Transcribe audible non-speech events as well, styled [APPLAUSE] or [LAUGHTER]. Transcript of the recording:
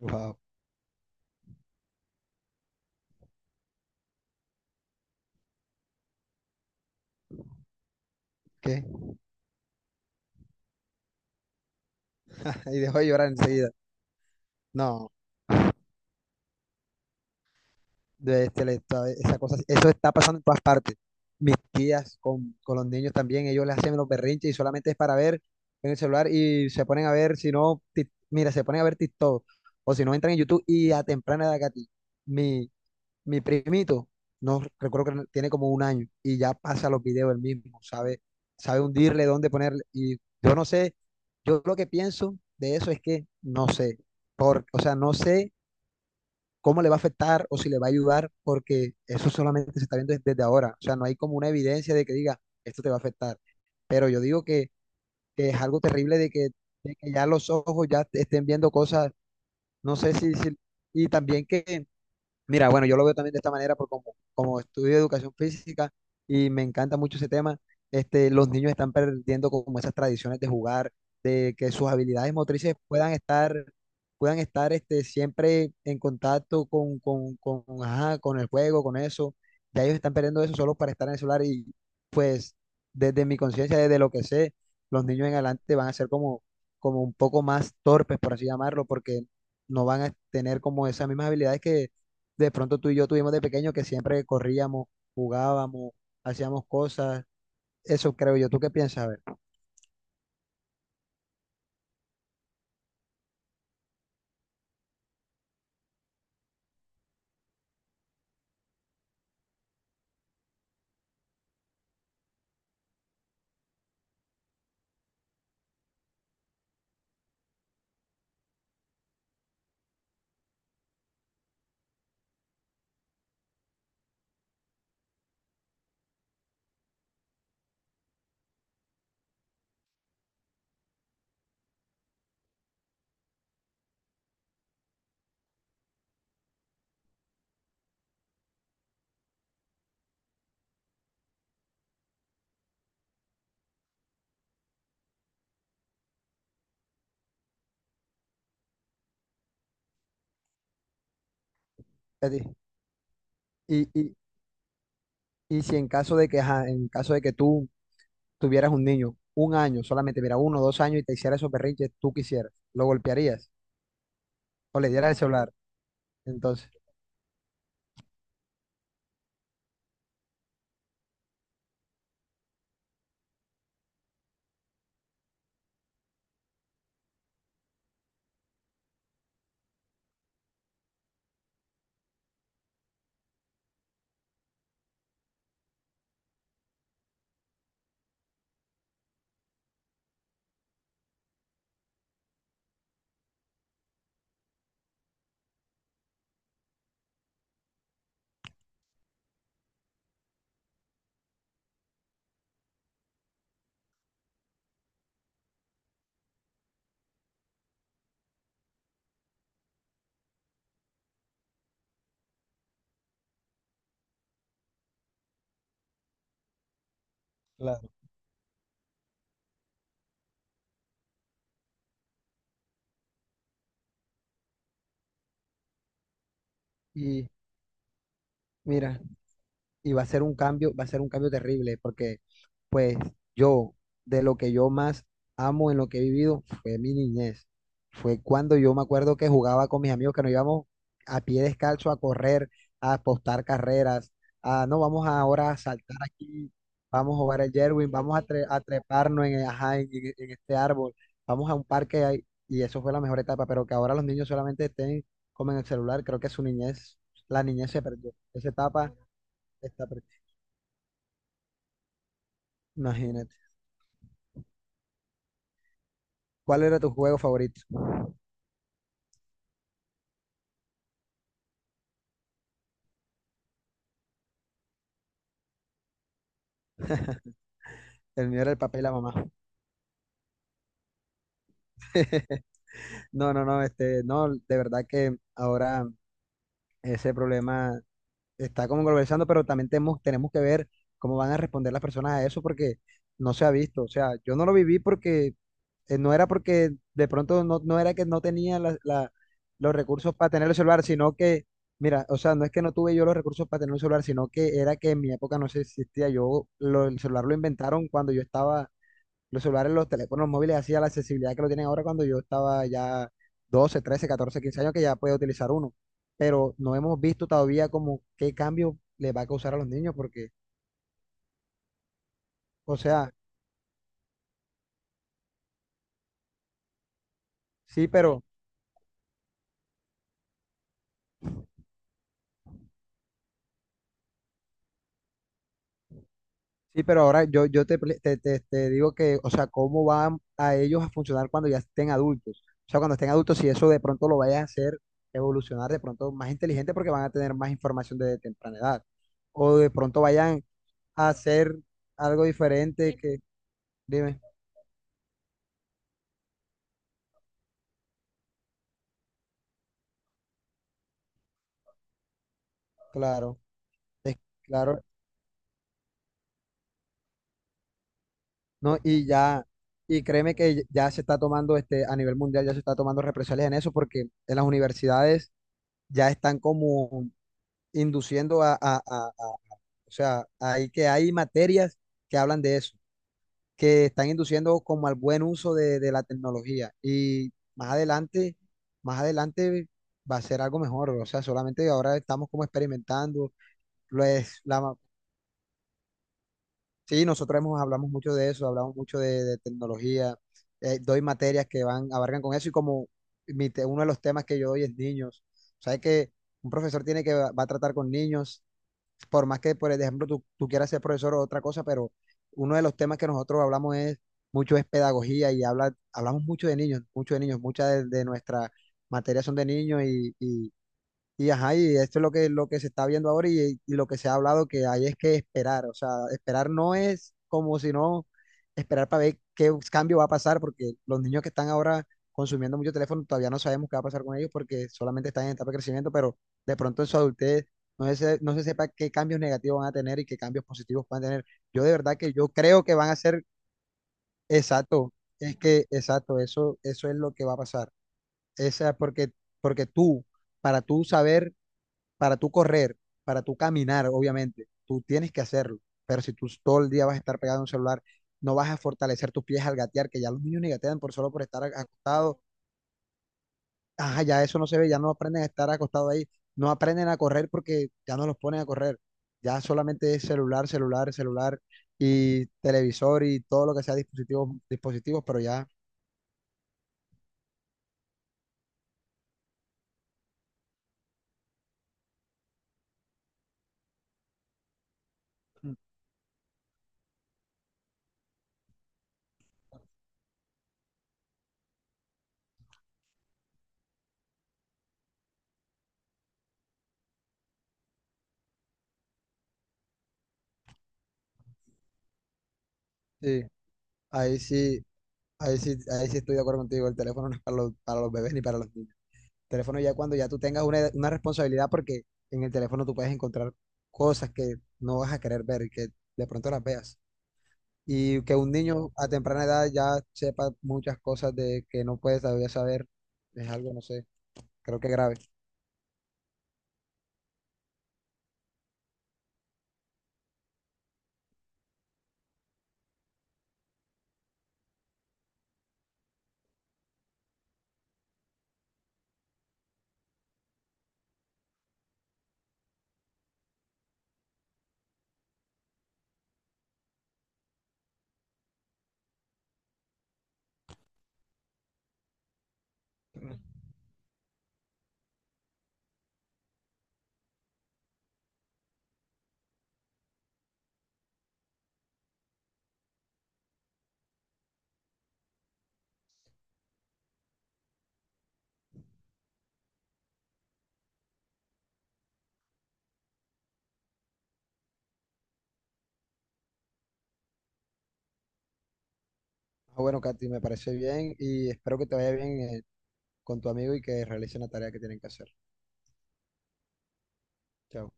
Wow, ¿qué? [LAUGHS] Y dejó de llorar enseguida. No, esa cosa, eso está pasando en todas partes. Mis tías con los niños también, ellos les hacen los berrinches y solamente es para ver en el celular y se ponen a ver, si no, mira, se ponen a ver TikTok o si no entran en YouTube y a temprana edad, Katy, mi, mi primito, no recuerdo que tiene como un año y ya pasa los videos él mismo, sabe, sabe hundirle, dónde ponerle. Y yo no sé, yo lo que pienso de eso es que no sé, o sea, no sé cómo le va a afectar o si le va a ayudar, porque eso solamente se está viendo desde ahora. O sea, no hay como una evidencia de que diga, esto te va a afectar. Pero yo digo que es algo terrible de que ya los ojos ya te estén viendo cosas, no sé si y también que. Mira, bueno, yo lo veo también de esta manera porque como estudio educación física y me encanta mucho ese tema, este, los niños están perdiendo como esas tradiciones de jugar, de que sus habilidades motrices puedan estar este, siempre en contacto ajá, con el juego, con eso. Ya ellos están perdiendo eso solo para estar en el celular y pues desde mi conciencia, desde lo que sé, los niños en adelante van a ser como, como un poco más torpes, por así llamarlo, porque no van a tener como esas mismas habilidades que de pronto tú y yo tuvimos de pequeño que siempre corríamos, jugábamos, hacíamos cosas. Eso creo yo. ¿Tú qué piensas? A ver, a ti. Y, y, y si en caso de que, ajá, en caso de que tú tuvieras un niño, un año solamente, mira, uno, dos años y te hiciera esos berrinches, tú quisieras, ¿lo golpearías o le dieras el celular? Entonces, claro. Y mira, y va a ser un cambio, va a ser un cambio terrible, porque pues yo, de lo que yo más amo en lo que he vivido fue mi niñez. Fue cuando yo me acuerdo que jugaba con mis amigos, que nos íbamos a pie descalzo a correr, a apostar carreras, a no, vamos ahora a saltar aquí, vamos a jugar el Jerwin, vamos a, a treparnos en, ajá, en este árbol, vamos a un parque ahí, y eso fue la mejor etapa, pero que ahora los niños solamente estén como en el celular, creo que su niñez, la niñez se perdió. Esa etapa está perdida. Imagínate. ¿Cuál era tu juego favorito? El mío era el papel y la mamá. [LAUGHS] No, este, no, de verdad que ahora ese problema está como conversando, pero también tenemos, tenemos que ver cómo van a responder las personas a eso porque no se ha visto. O sea, yo no lo viví porque no era porque de pronto no, no era que no tenía los recursos para tener el celular, sino que, mira, o sea, no es que no tuve yo los recursos para tener un celular, sino que era que en mi época no se existía. Yo, el celular lo inventaron cuando yo estaba. Los celulares, los teléfonos móviles, así a la accesibilidad que lo tienen ahora cuando yo estaba ya 12, 13, 14, 15 años que ya puede utilizar uno. Pero no hemos visto todavía como qué cambio le va a causar a los niños porque, o sea, sí, pero, sí, pero ahora yo, yo te, te, te digo que, o sea, cómo van a ellos a funcionar cuando ya estén adultos. O sea, cuando estén adultos, si eso de pronto lo vaya a hacer evolucionar de pronto más inteligente porque van a tener más información desde temprana edad. O de pronto vayan a hacer algo diferente que, dime. Claro, es, claro, no, y ya, y créeme que ya se está tomando, este, a nivel mundial ya se está tomando represalias en eso, porque en las universidades ya están como induciendo o sea, hay que hay materias que hablan de eso, que están induciendo como al buen uso de la tecnología, y más adelante va a ser algo mejor, o sea, solamente ahora estamos como experimentando, pues, la. Sí, nosotros hemos, hablamos mucho de eso, hablamos mucho de tecnología, doy materias que van, abarcan con eso y como uno de los temas que yo doy es niños. O sea, que un profesor tiene que, va, va a tratar con niños, por más que, por ejemplo, tú quieras ser profesor o otra cosa, pero uno de los temas que nosotros hablamos es mucho es pedagogía y habla, hablamos mucho de niños, muchas de nuestras materias son de niños y ajá, y esto es lo lo que se está viendo ahora y lo que se ha hablado que hay es que esperar, o sea, esperar no es como si no esperar para ver qué cambio va a pasar, porque los niños que están ahora consumiendo mucho teléfono todavía no sabemos qué va a pasar con ellos porque solamente están en etapa de crecimiento, pero de pronto en su adultez no se sepa qué cambios negativos van a tener y qué cambios positivos van a tener. Yo de verdad que yo creo que van a ser exacto, es que exacto, eso es lo que va a pasar. Esa porque, porque tú, para tú saber, para tú correr, para tú caminar, obviamente, tú tienes que hacerlo, pero si tú todo el día vas a estar pegado a un celular, no vas a fortalecer tus pies al gatear, que ya los niños ni gatean por solo por estar acostados, ajá, ya eso no se ve, ya no aprenden a estar acostados ahí, no aprenden a correr porque ya no los ponen a correr, ya solamente es celular, celular, celular y televisor y todo lo que sea dispositivos, dispositivos, pero ya, mm, sí, ahí sí, ahí sí, ahí sí estoy de acuerdo contigo, el teléfono no es para los bebés ni para los niños. Teléfono ya cuando ya tú tengas una responsabilidad, porque en el teléfono tú puedes encontrar cosas que no vas a querer ver y que de pronto las veas. Y que un niño a temprana edad ya sepa muchas cosas de que no puede todavía saber, es algo, no sé, creo que grave. Ah, bueno, Katy, me parece bien y espero que te vaya bien con tu amigo y que realicen la tarea que tienen que hacer. Chao.